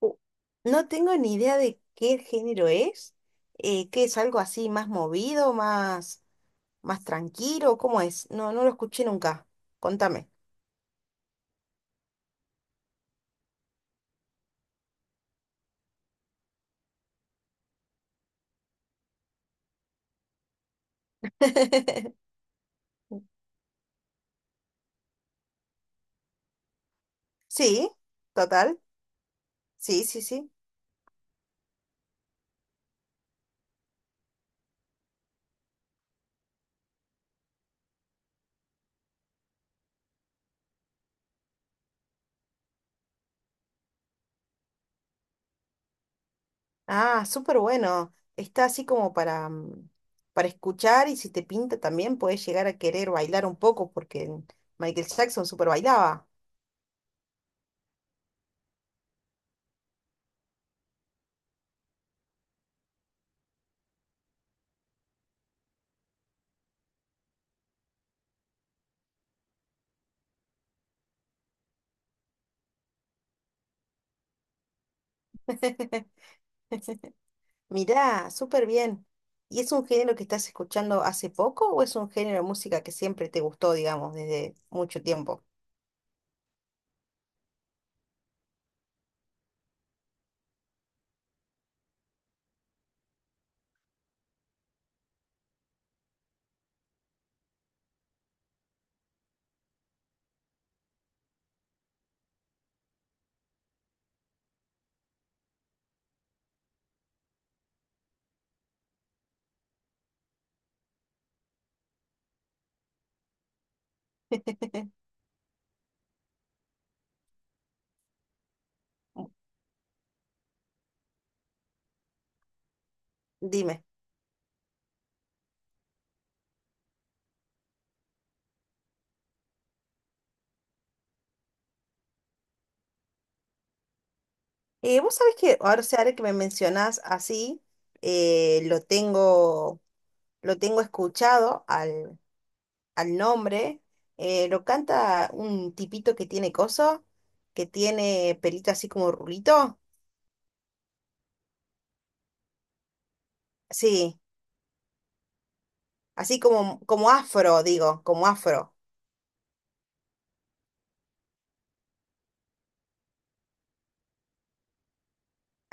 Uh, No tengo ni idea de qué género es, que es algo así más movido, más tranquilo. ¿Cómo es? No, no lo escuché nunca. Contame. Sí, total. Sí, sí, sí. Ah, súper bueno. Está así como para, para escuchar, y si te pinta también puedes llegar a querer bailar un poco porque Michael Jackson súper bailaba. Mirá, súper bien. ¿Y es un género que estás escuchando hace poco o es un género de música que siempre te gustó, digamos, desde mucho tiempo? Mm, Dime. Vos sabés que ahora, o sea, ahora que me mencionás así, eh, lo tengo, lo tengo escuchado al nombre. Lo canta un tipito que tiene coso, que tiene pelito así como rulito. Sí, así como, como afro, digo, como afro.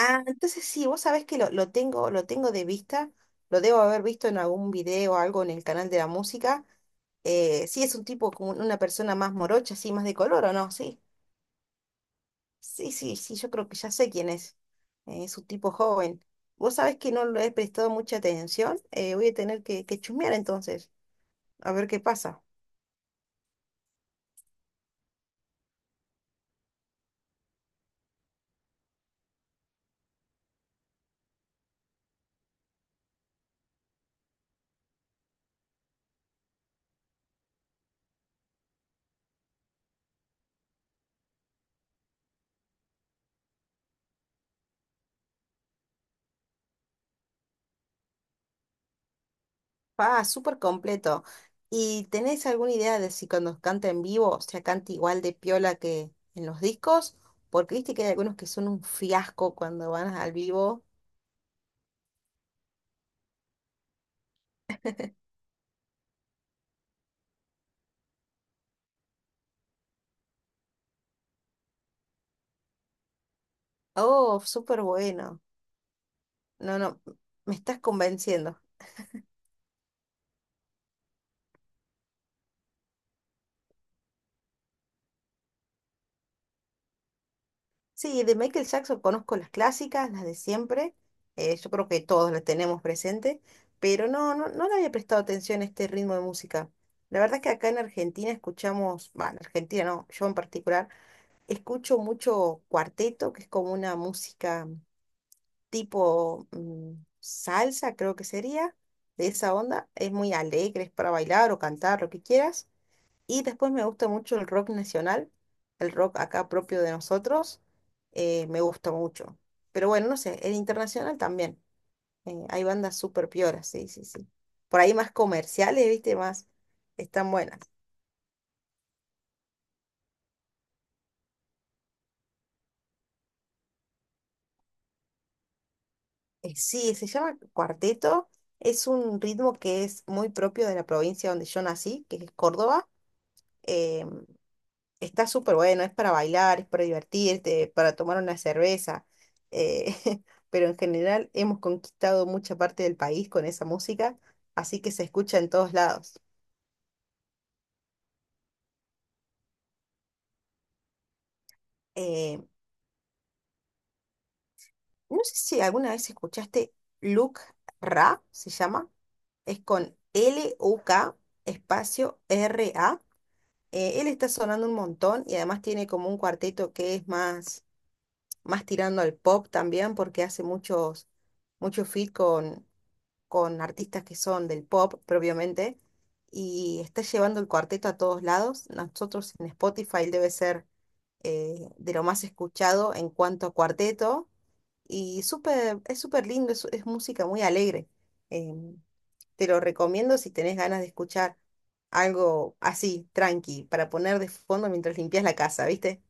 Ah, entonces sí, vos sabés que lo tengo de vista, lo debo haber visto en algún video o algo en el canal de la música. Sí, es un tipo como una persona más morocha, así, más de color, ¿o no? Sí, sí, sí, sí, yo creo que ya sé quién es. Es un tipo joven. Vos sabés que no le he prestado mucha atención. Voy a tener que chusmear entonces, a ver qué pasa. Ah, súper completo. ¿Y tenés alguna idea de si cuando canta en vivo se canta igual de piola que en los discos? Porque viste que hay algunos que son un fiasco cuando van al vivo. Oh, súper bueno. No, no, me estás convenciendo. Sí, de Michael Jackson conozco las clásicas, las de siempre. Yo creo que todos las tenemos presente, pero no, no, no le había prestado atención a este ritmo de música. La verdad es que acá en Argentina escuchamos, bueno, en Argentina no, yo en particular. Escucho mucho cuarteto, que es como una música tipo salsa, creo que sería, de esa onda. Es muy alegre, es para bailar o cantar, lo que quieras. Y después me gusta mucho el rock nacional, el rock acá propio de nosotros. Me gusta mucho. Pero bueno, no sé, el internacional también. Hay bandas súper pioras, sí, sí, sí. Por ahí más comerciales, viste, más están buenas. Sí, se llama cuarteto. Es un ritmo que es muy propio de la provincia donde yo nací, que es Córdoba. Eh, Está súper bueno, es para bailar, es para divertirte, para tomar una cerveza. eh, pero en general hemos conquistado mucha parte del país con esa música, así que se escucha en todos lados. Eh, no sé si alguna vez escuchaste Luke Ra, se llama. Es con Luk Ra. Él está sonando un montón y además tiene como un cuarteto que es más tirando al pop también porque hace muchos feat con artistas que son del pop propiamente y está llevando el cuarteto a todos lados. Nosotros en Spotify debe ser de lo más escuchado en cuanto a cuarteto y súper, es súper lindo, es música muy alegre. Em, Te lo recomiendo si tenés ganas de escuchar algo así, tranqui, para poner de fondo mientras limpias la casa, ¿viste?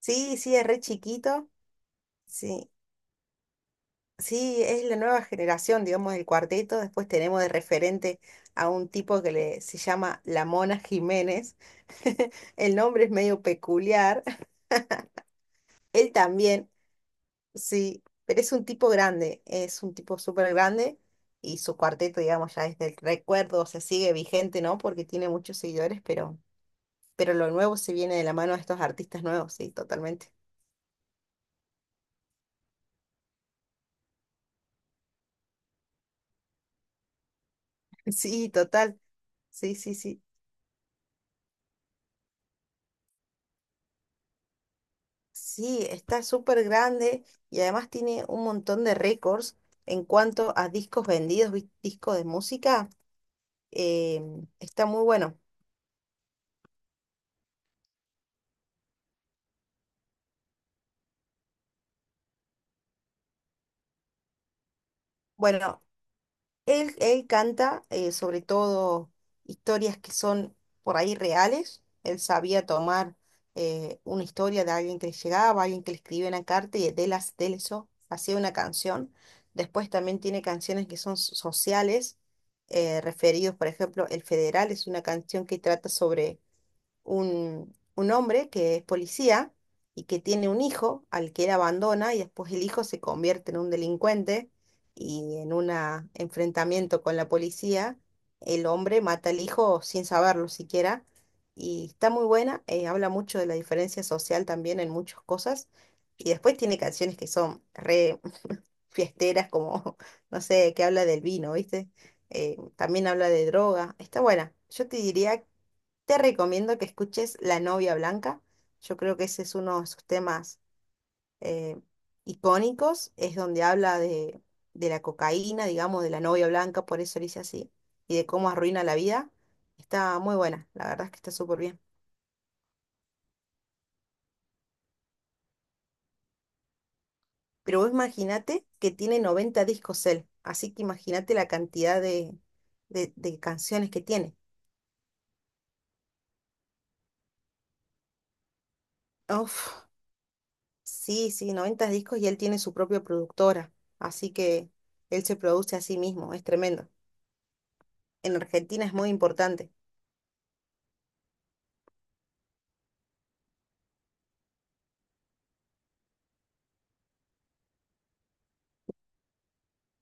Sí, sí, es re chiquito. Sí, sí, es la nueva generación, digamos, del cuarteto. Después tenemos de referente a un tipo que le, se llama La Mona Jiménez. El nombre es medio peculiar. Él también, sí, pero es un tipo grande, es un tipo súper grande y su cuarteto, digamos, ya es del recuerdo, se sigue vigente, ¿no? Porque tiene muchos seguidores, pero lo nuevo se viene de la mano de estos artistas nuevos, sí, totalmente. Sí, total. Sí, sí, sí. Sí, está súper grande y además tiene un montón de récords en cuanto a discos vendidos, discos de música. eh, Está muy bueno. Bueno, él canta sobre todo historias que son por ahí reales. Él sabía tomar una historia de alguien que le llegaba, alguien que le escribía una carta y de, las, de eso hacía una canción. Después también tiene canciones que son sociales, referidos. Por ejemplo, El Federal es una canción que trata sobre un hombre que es policía y que tiene un hijo al que él abandona, y después el hijo se convierte en un delincuente, y en un enfrentamiento con la policía el hombre mata al hijo sin saberlo siquiera, y está muy buena. Habla mucho de la diferencia social también en muchas cosas, y después tiene canciones que son re fiesteras como, no sé, que habla del vino, ¿viste? También habla de droga, está buena. Yo te diría, te recomiendo que escuches La novia blanca. Yo creo que ese es uno de sus temas eh, icónicos. Es donde habla de la cocaína, digamos, de la novia blanca, por eso le hice así, y de cómo arruina la vida. Está muy buena, la verdad es que está súper bien. Pero vos imagínate que tiene 90 discos él, así que imagínate la cantidad de canciones que tiene. Uf, sí, sí, 90 discos, y él tiene su propia productora, así que él se produce a sí mismo, es tremendo. En Argentina es muy importante.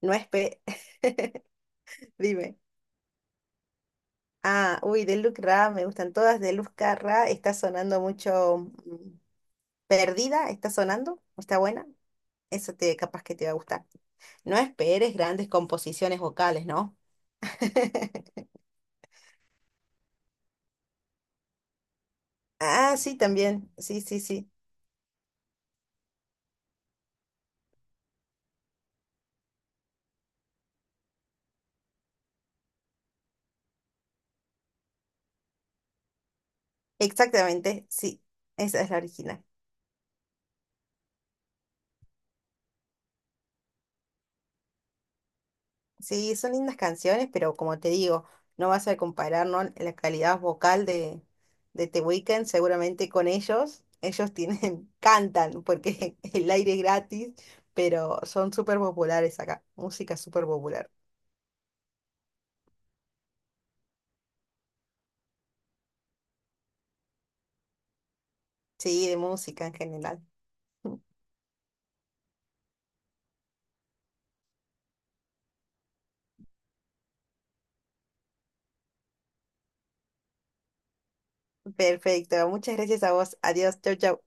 No es pe... Dime. Ah, uy, de Luz Ra, me gustan todas. De Luz Ra está sonando mucho. mm, Perdida está sonando, está buena. Eso te, capaz que te va a gustar. No esperes grandes composiciones vocales, ¿no? Ah, sí, también. Sí, sí, sí. Exactamente, sí. Esa es la original. Sí, son lindas canciones, pero como te digo, no vas a comparar, ¿no? La calidad vocal de The Weeknd seguramente con ellos. Ellos tienen, cantan porque el aire es gratis, pero son súper populares acá. Música súper popular. Sí, de música en general. Perfecto. Muchas gracias a vos. Adiós. Chau, chau.